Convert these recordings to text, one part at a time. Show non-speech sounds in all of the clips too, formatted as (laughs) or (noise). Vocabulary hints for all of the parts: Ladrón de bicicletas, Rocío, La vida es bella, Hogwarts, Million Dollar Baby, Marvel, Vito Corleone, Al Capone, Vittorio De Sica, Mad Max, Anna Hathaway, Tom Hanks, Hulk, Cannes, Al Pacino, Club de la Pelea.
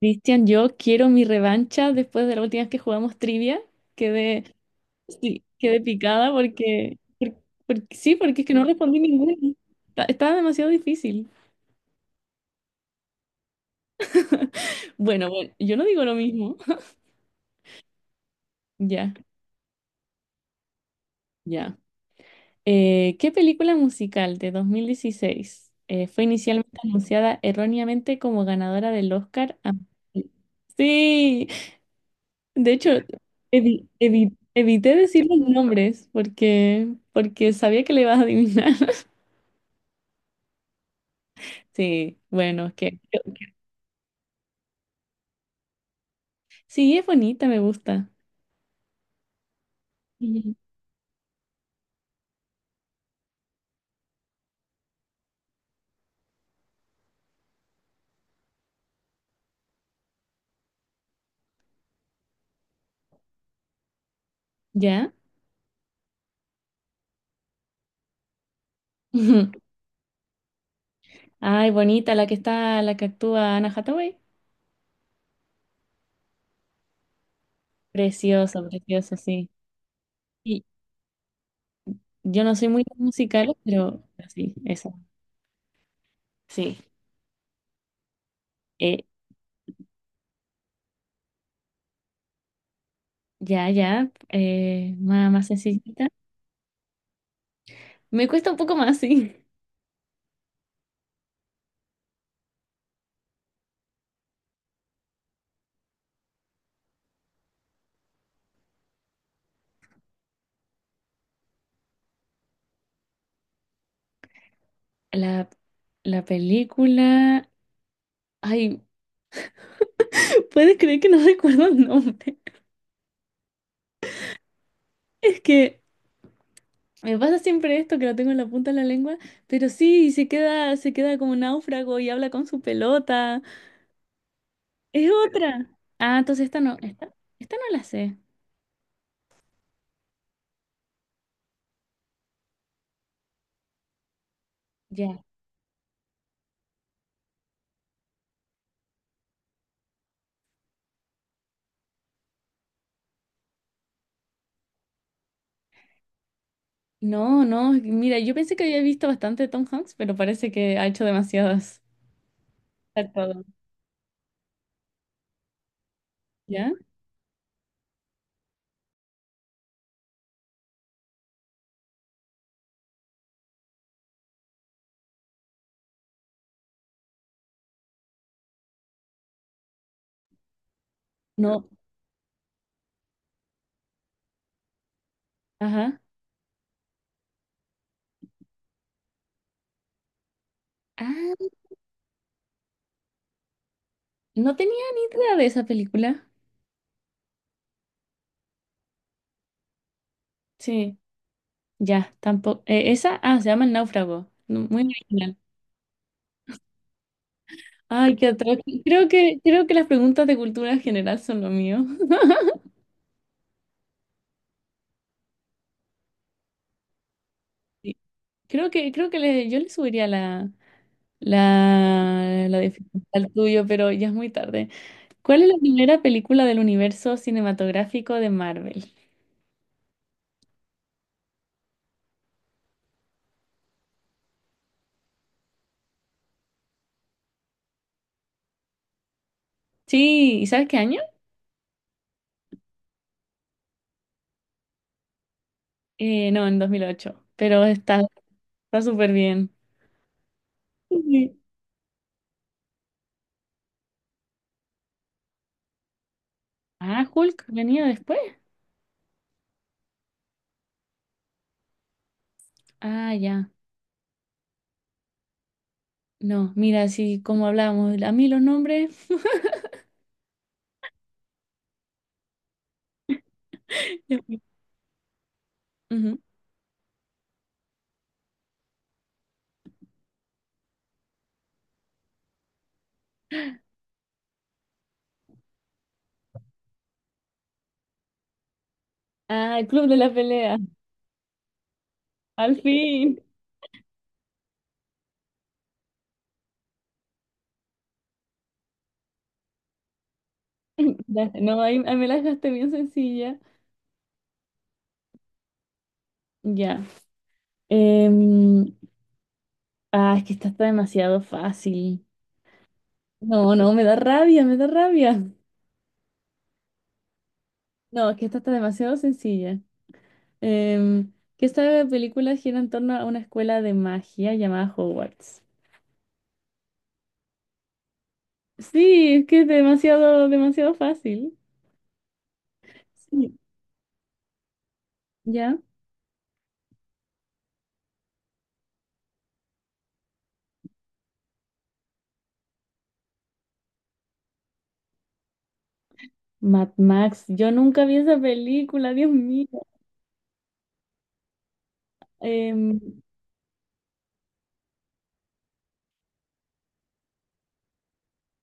Cristian, yo quiero mi revancha después de la última vez que jugamos trivia. Quedé, sí, quedé picada porque, sí, porque es que no respondí ninguna. Estaba demasiado difícil. Bueno, bueno, yo no digo lo mismo. (laughs) Ya, ya. ¿Qué película musical de 2016 fue inicialmente anunciada erróneamente como ganadora del Oscar? A- Sí, de hecho, evité decir los nombres porque, porque sabía que le ibas a adivinar. Sí, bueno, que sí, es bonita, me gusta. Ujú. ¿Ya? (laughs) Ay, bonita la que está, la que actúa Anna Hathaway. Preciosa, preciosa, sí. Y yo no soy muy musical, pero sí, esa, sí. Eh, ya, ya, más, más sencillita. Me cuesta un poco más, (laughs) sí. La, la película. Ay, (laughs) ¿puedes creer que no recuerdo el nombre? Es que me pasa siempre esto, que lo tengo en la punta de la lengua, pero sí, se queda como náufrago y habla con su pelota. Es otra. Ah, entonces esta no, esta no la sé. Ya. No, no, mira, yo pensé que había visto bastante Tom Hanks, pero parece que ha hecho demasiadas. Ha actuado. ¿Ya? No, ajá. Ah, no tenía ni idea de esa película. Sí, ya, tampoco. Esa, ah, se llama El Náufrago. No, muy original. Ay, qué atroz. Creo que las preguntas de cultura general son lo mío. (laughs) Sí. Creo que yo le subiría la dificultad al tuyo, pero ya es muy tarde. ¿Cuál es la primera película del universo cinematográfico de Marvel? Sí, ¿y sabes qué año? No, en 2008, pero está, está súper bien. Sí. Ah, Hulk venía después. Ah, ya. No, mira, sí, como hablábamos, a mí los nombres. (laughs) Ujú. Ah, el Club de la Pelea, al fin. (laughs) Ya, no, ahí, ahí me la dejaste bien sencilla. Ya. Em, ah, es que esta está demasiado fácil. No, no, me da rabia, me da rabia. No, es que esta está demasiado sencilla. Em, que esta película gira en torno a una escuela de magia llamada Hogwarts. Sí, es que es demasiado, demasiado fácil. Sí. ¿Ya? Mad Max, yo nunca vi esa película, Dios mío. Em,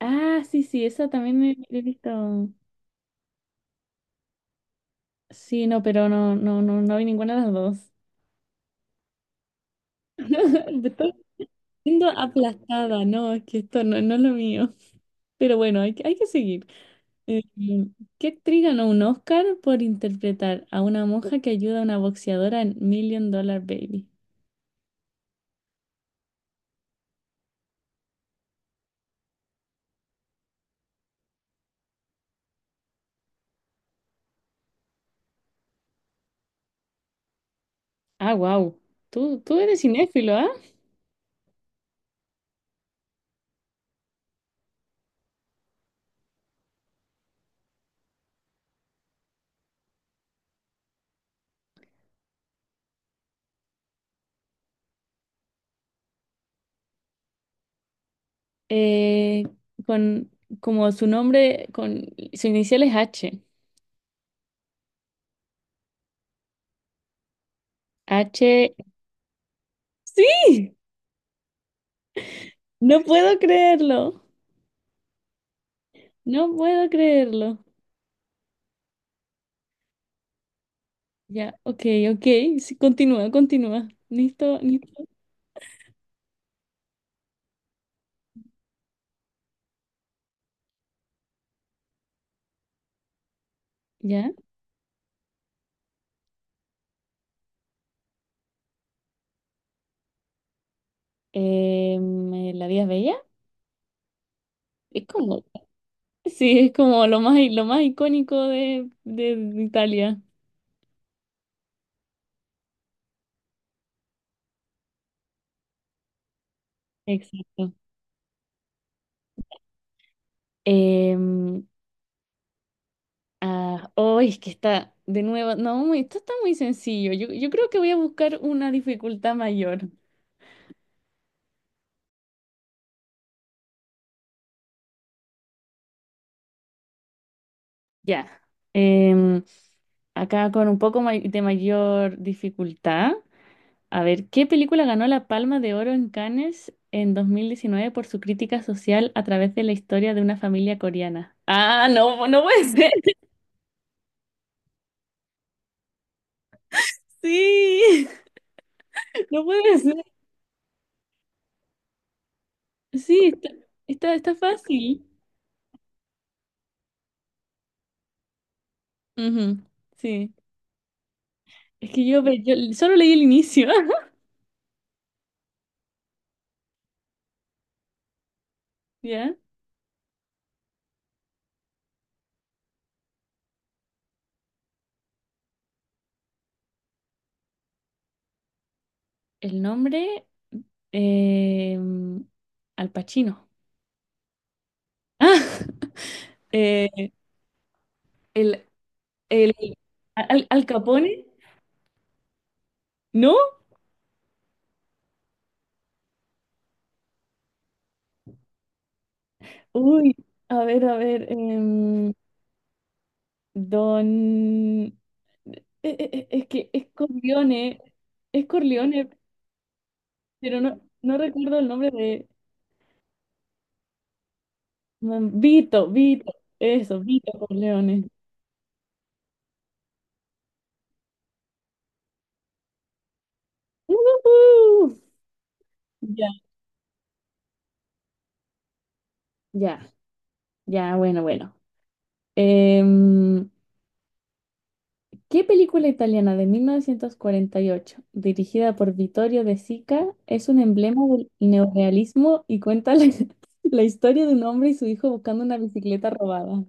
ah, sí, sí, esa también me he visto. Sí, no, pero no, no, no, no vi ninguna de las dos. (laughs) Siendo aplastada, no, es que esto no, no es lo mío. Pero bueno, hay que seguir. Eh, ¿Qué actriz ganó un Oscar por interpretar a una monja que ayuda a una boxeadora en Million Dollar Baby? Ah, wow. Tú eres cinéfilo, ¿ah? Eh, con como su nombre, con su inicial es H. H. ¡Sí! No puedo creerlo. No puedo creerlo. Ya, ok, ok. Sí, continúa, continúa. Listo, listo. Ya. La vida es bella. Es como, (laughs) sí, es como lo más icónico de Italia. Exacto. Em, ah, oh, es que está de nuevo. No, esto está muy sencillo. Yo creo que voy a buscar una dificultad mayor. Ya. Em, Acá con un poco may- de mayor dificultad. A ver, ¿qué película ganó la Palma de Oro en Cannes en 2019 por su crítica social a través de la historia de una familia coreana? Ah, no, no puede ser. (laughs) Sí, no puede ser. Sí, está, está, está fácil. Ujú. Sí, es que yo, yo solo leí el inicio. (laughs) ¿Ya? El nombre, eh, Al Pacino. Ah, (laughs) eh, el, el, Al, Al Capone, ¿no? Uy, a ver, Don... Es que es Corleone, es Corleone, pero no, no recuerdo el nombre de... mm, Vito, Vito, eso, Vito Corleone. ¡Ujú! Ya, ya, ya, bueno, bueno. Em, ¿Qué película italiana de 1948 dirigida por Vittorio De Sica, es un emblema del neorealismo y cuenta la (laughs) la historia de un hombre y su hijo buscando una bicicleta robada?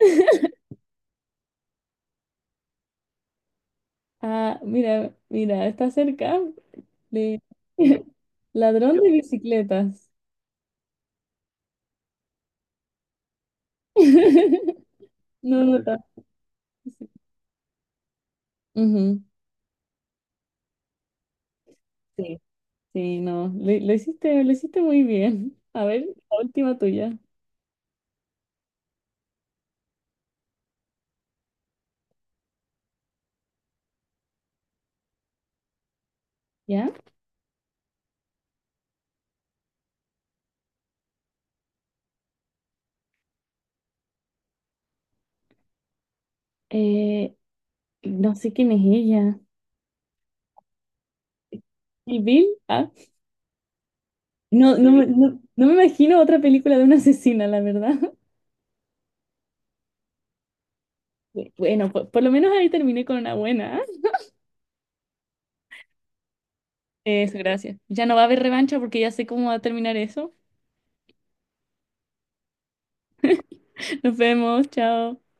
(laughs) Ah, mira, mira, está cerca. Le- (laughs) Ladrón de bicicletas. (laughs) No, no está. Ujú. Sí, sí, no. Lo hiciste muy bien. A ver, la última tuya. ¿Ya? Eh, no sé quién es ella. ¿Y Bill? Ah, no, no, no, no me imagino otra película de una asesina, la verdad. (laughs) Bueno, por lo menos ahí terminé con una buena. ¿Ah? Eso, gracias. Ya no va a haber revancha porque ya sé cómo va a terminar eso. Nos vemos, chao.